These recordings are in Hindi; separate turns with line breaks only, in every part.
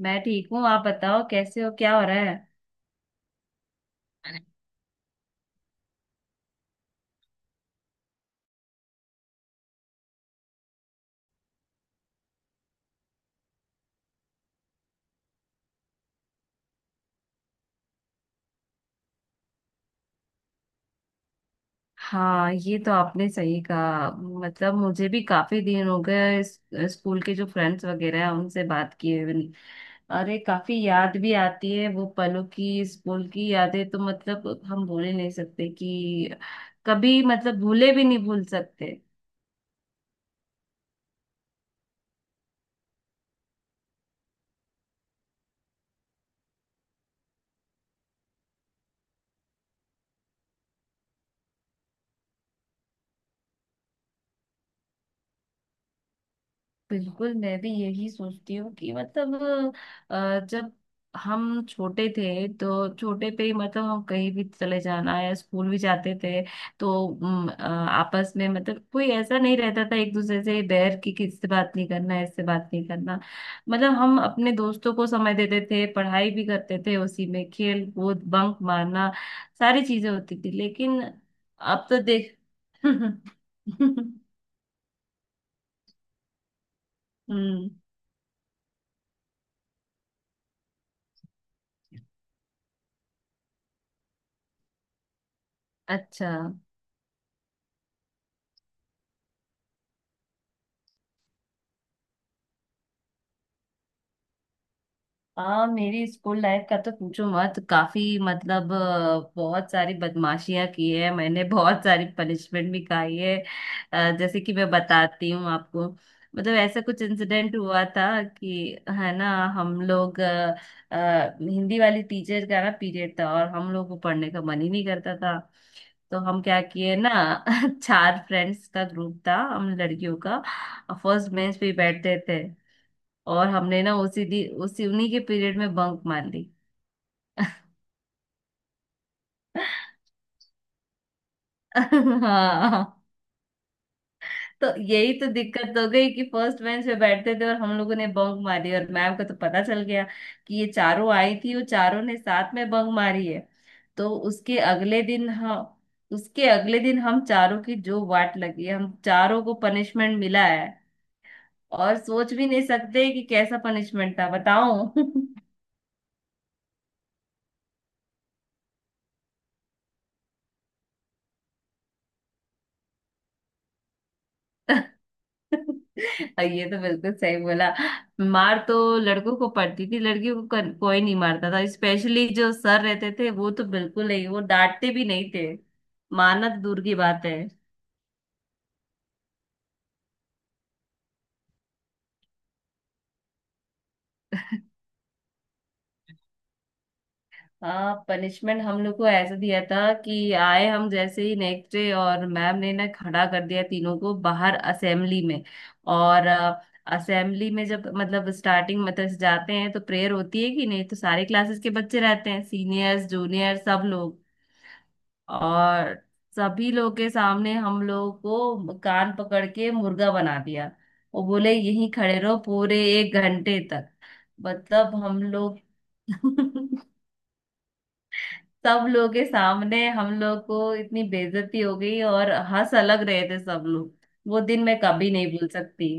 मैं ठीक हूँ। आप बताओ कैसे हो, क्या हो रहा है? हाँ, ये तो आपने सही कहा। मतलब मुझे भी काफी दिन हो गए स्कूल के जो फ्रेंड्स वगैरह हैं उनसे बात किए हुए नहीं। अरे काफी याद भी आती है वो पलों की, स्कूल की यादें तो मतलब हम भूल ही नहीं सकते कि कभी, मतलब भूले भी नहीं, भूल सकते। बिल्कुल, मैं भी यही सोचती हूँ कि मतलब जब हम छोटे थे तो छोटे पे ही मतलब हम कहीं भी चले जाना या स्कूल भी जाते थे तो आपस में मतलब कोई ऐसा नहीं रहता था, एक दूसरे से बैर की किससे बात नहीं करना इससे बात नहीं करना। मतलब हम अपने दोस्तों को समय देते थे, पढ़ाई भी करते थे, उसी में खेल कूद, बंक मारना सारी चीजें होती थी, लेकिन अब तो देख। हम्म। अच्छा। हाँ, मेरी स्कूल लाइफ का तो पूछो मत। काफी मतलब बहुत सारी बदमाशियां की है मैंने, बहुत सारी पनिशमेंट भी खाई है। जैसे कि मैं बताती हूँ आपको, मतलब ऐसा कुछ इंसिडेंट हुआ था कि, है ना। हम लोग हिंदी वाली टीचर का ना पीरियड था, और हम लोग को पढ़ने का मन ही नहीं करता था। तो हम क्या किए ना। चार फ्रेंड्स का ग्रुप था हम लड़कियों का। फर्स्ट बेंच पे ही बैठते थे, और हमने ना उसी दी उसी उन्हीं के पीरियड में बंक मार ली। हाँ। तो यही तो दिक्कत हो गई कि फर्स्ट बेंच पे बैठते थे और हम लोगों ने बंक मारी, और मैम को तो पता चल गया कि ये चारों आई थी, वो चारों ने साथ में बंक मारी है। तो उसके अगले दिन हम चारों की जो वाट लगी है, हम चारों को पनिशमेंट मिला है। और सोच भी नहीं सकते कि कैसा पनिशमेंट था, बताओ। और ये तो बिल्कुल सही बोला। मार तो लड़कों को पड़ती थी, लड़कियों को कोई नहीं मारता था। स्पेशली जो सर रहते थे वो तो बिल्कुल नहीं, वो डांटते भी नहीं थे। मारना तो दूर की बात है। हाँ, पनिशमेंट हम लोग को ऐसा दिया था कि आए हम जैसे ही नेक्स्ट डे, और मैम ने ना खड़ा कर दिया तीनों को बाहर असेंबली में। और असेंबली में जब मतलब स्टार्टिंग मतलब जाते हैं तो प्रेयर होती है कि नहीं, तो सारे क्लासेस के बच्चे रहते हैं, सीनियर्स जूनियर सब लोग। और सभी लोग के सामने हम लोग को कान पकड़ के मुर्गा बना दिया। वो बोले यहीं खड़े रहो पूरे एक घंटे तक। मतलब हम लोग। सब लोग के सामने हम लोग को इतनी बेइज्जती हो गई, और हंस अलग रहे थे सब लोग। वो दिन मैं कभी नहीं भूल सकती।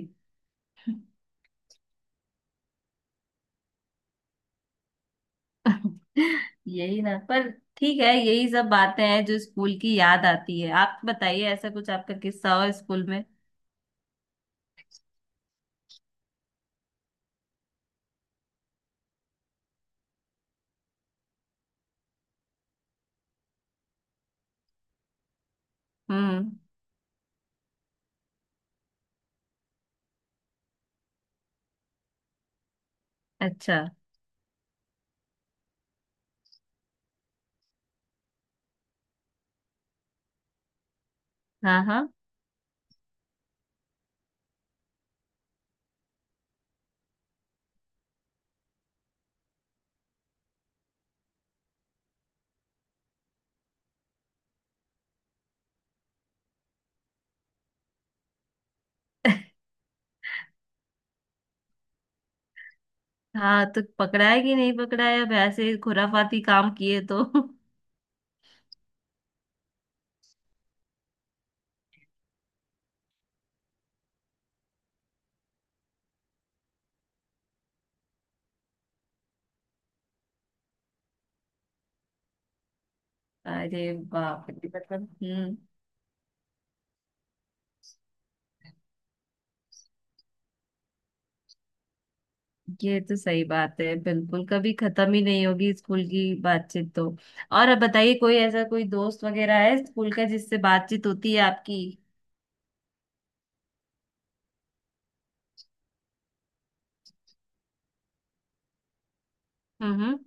यही ना। पर ठीक है, यही सब बातें हैं जो स्कूल की याद आती है। आप बताइए ऐसा कुछ आपका किस्सा हो स्कूल में। हम्म। अच्छा। हाँ हाँ। हाँ तो पकड़ा है कि नहीं पकड़ा है? अब ऐसे खुराफाती काम किए तो। अरे बाप रे। मतलब हम्म। ये तो सही बात है बिल्कुल, कभी खत्म ही नहीं होगी स्कूल की बातचीत तो। और अब बताइए कोई ऐसा कोई दोस्त वगैरह है स्कूल का जिससे बातचीत होती है आपकी? हम्म।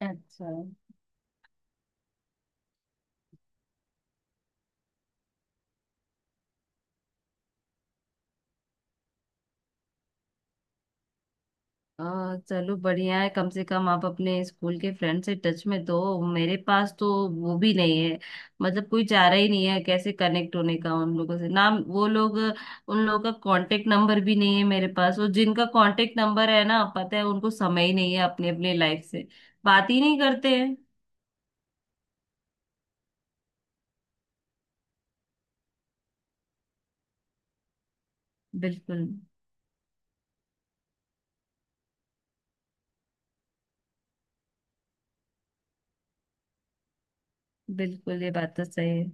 अच्छा। चलो बढ़िया है, कम से कम आप अपने स्कूल के फ्रेंड से टच में तो। मेरे पास तो वो भी नहीं है। मतलब कोई चारा ही नहीं है कैसे कनेक्ट होने का उन लोगों से ना। वो लोग उन लोगों का कांटेक्ट नंबर भी नहीं है मेरे पास, और जिनका कांटेक्ट नंबर है ना, पता है उनको समय ही नहीं है अपने अपने लाइफ से। बात ही नहीं करते हैं। बिल्कुल। बिल्कुल ये बात तो सही है।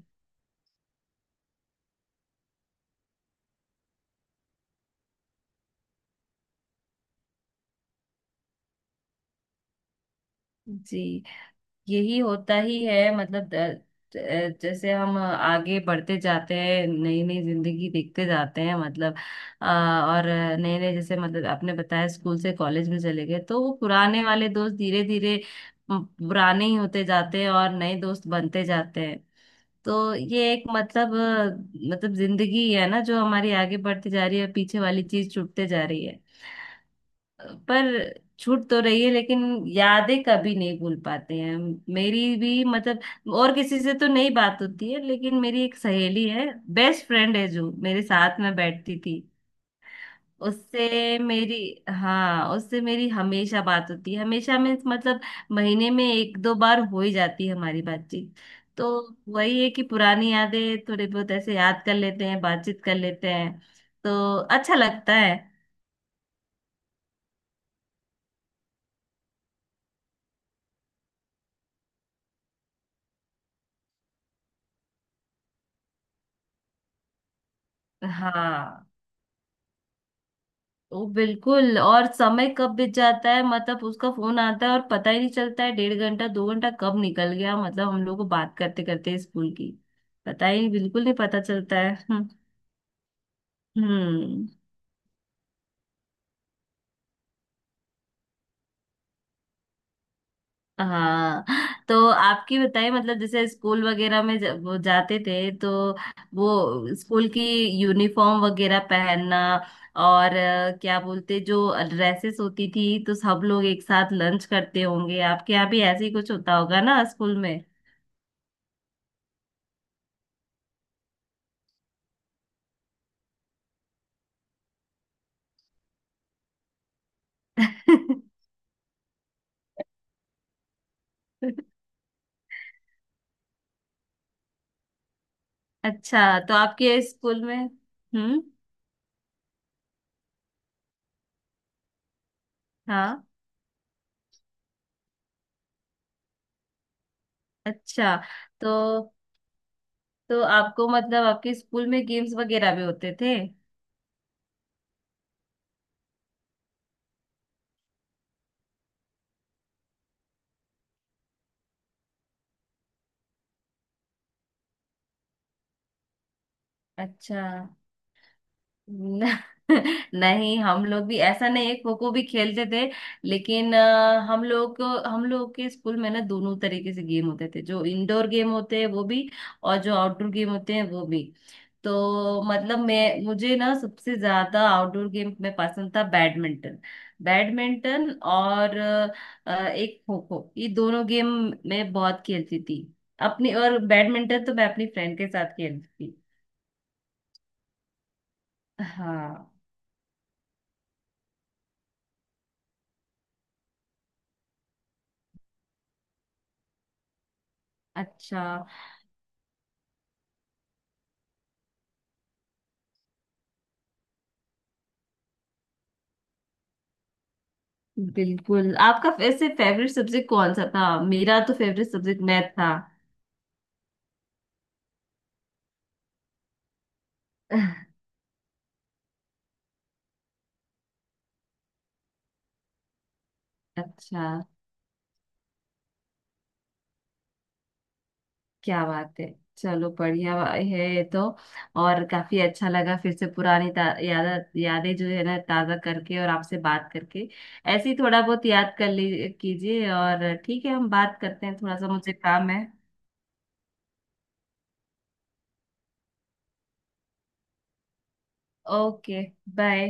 जी, यही होता ही है। मतलब जैसे हम आगे बढ़ते जाते हैं, नई नई जिंदगी देखते जाते हैं, मतलब और नए नए जैसे, मतलब आपने बताया स्कूल से कॉलेज में चले गए, तो वो पुराने वाले दोस्त धीरे धीरे पुराने ही होते जाते हैं और नए दोस्त बनते जाते हैं। तो ये एक मतलब मतलब जिंदगी है ना, जो हमारी आगे बढ़ती जा रही है, पीछे वाली चीज छूटते जा रही है। पर छूट तो रही है लेकिन यादें कभी नहीं भूल पाते हैं। मेरी भी मतलब और किसी से तो नहीं बात होती है, लेकिन मेरी एक सहेली है, बेस्ट फ्रेंड है जो मेरे साथ में बैठती थी। उससे मेरी हाँ, उससे मेरी हमेशा बात होती है। हमेशा मीन्स मतलब महीने में एक दो बार हो ही जाती है हमारी बातचीत। तो वही है कि पुरानी यादें थोड़े बहुत ऐसे याद कर लेते हैं, बातचीत कर लेते हैं, तो अच्छा लगता है। हाँ, ओ बिल्कुल। और समय कब बीत जाता है मतलब उसका फोन आता है और पता ही नहीं चलता है, डेढ़ घंटा दो घंटा कब निकल गया, मतलब हम लोग को बात करते करते स्कूल की। पता ही नहीं, बिल्कुल नहीं पता चलता है। हम्म। हम्म, हाँ, तो आपकी बताइए मतलब जैसे स्कूल वगैरह में जब वो जाते थे तो वो स्कूल की यूनिफॉर्म वगैरह पहनना, और क्या बोलते जो ड्रेसेस होती थी, तो सब लोग एक साथ लंच करते होंगे, आपके यहाँ भी ऐसे ही कुछ होता होगा ना स्कूल में? अच्छा। तो आपके स्कूल में। हम्म। हाँ। अच्छा। तो तो आपको मतलब आपके स्कूल में गेम्स वगैरह भी होते थे? अच्छा। न- नहीं, हम लोग भी ऐसा नहीं है, खो खो भी खेलते थे, लेकिन हम लोग के स्कूल में ना दोनों तरीके से गेम होते थे, जो इंडोर गेम होते हैं वो भी, और जो आउटडोर गेम होते हैं वो भी। तो मतलब मैं मुझे ना सबसे ज्यादा आउटडोर गेम में पसंद था बैडमिंटन। बैडमिंटन और एक खो खो, ये दोनों गेम मैं बहुत खेलती थी अपनी, और बैडमिंटन तो मैं अपनी फ्रेंड के साथ खेलती थी। हाँ। अच्छा। बिल्कुल। आपका वैसे फेवरेट सब्जेक्ट कौन सा था? मेरा तो फेवरेट सब्जेक्ट मैथ था। अच्छा। क्या बात है। चलो बढ़िया है ये तो। और काफी अच्छा लगा फिर से पुरानी ता- याद यादें जो है ना ताजा करके, और आपसे बात करके। ऐसे ही थोड़ा बहुत याद कर ली कीजिए, और ठीक है हम बात करते हैं, थोड़ा सा मुझे काम है। ओके। बाय।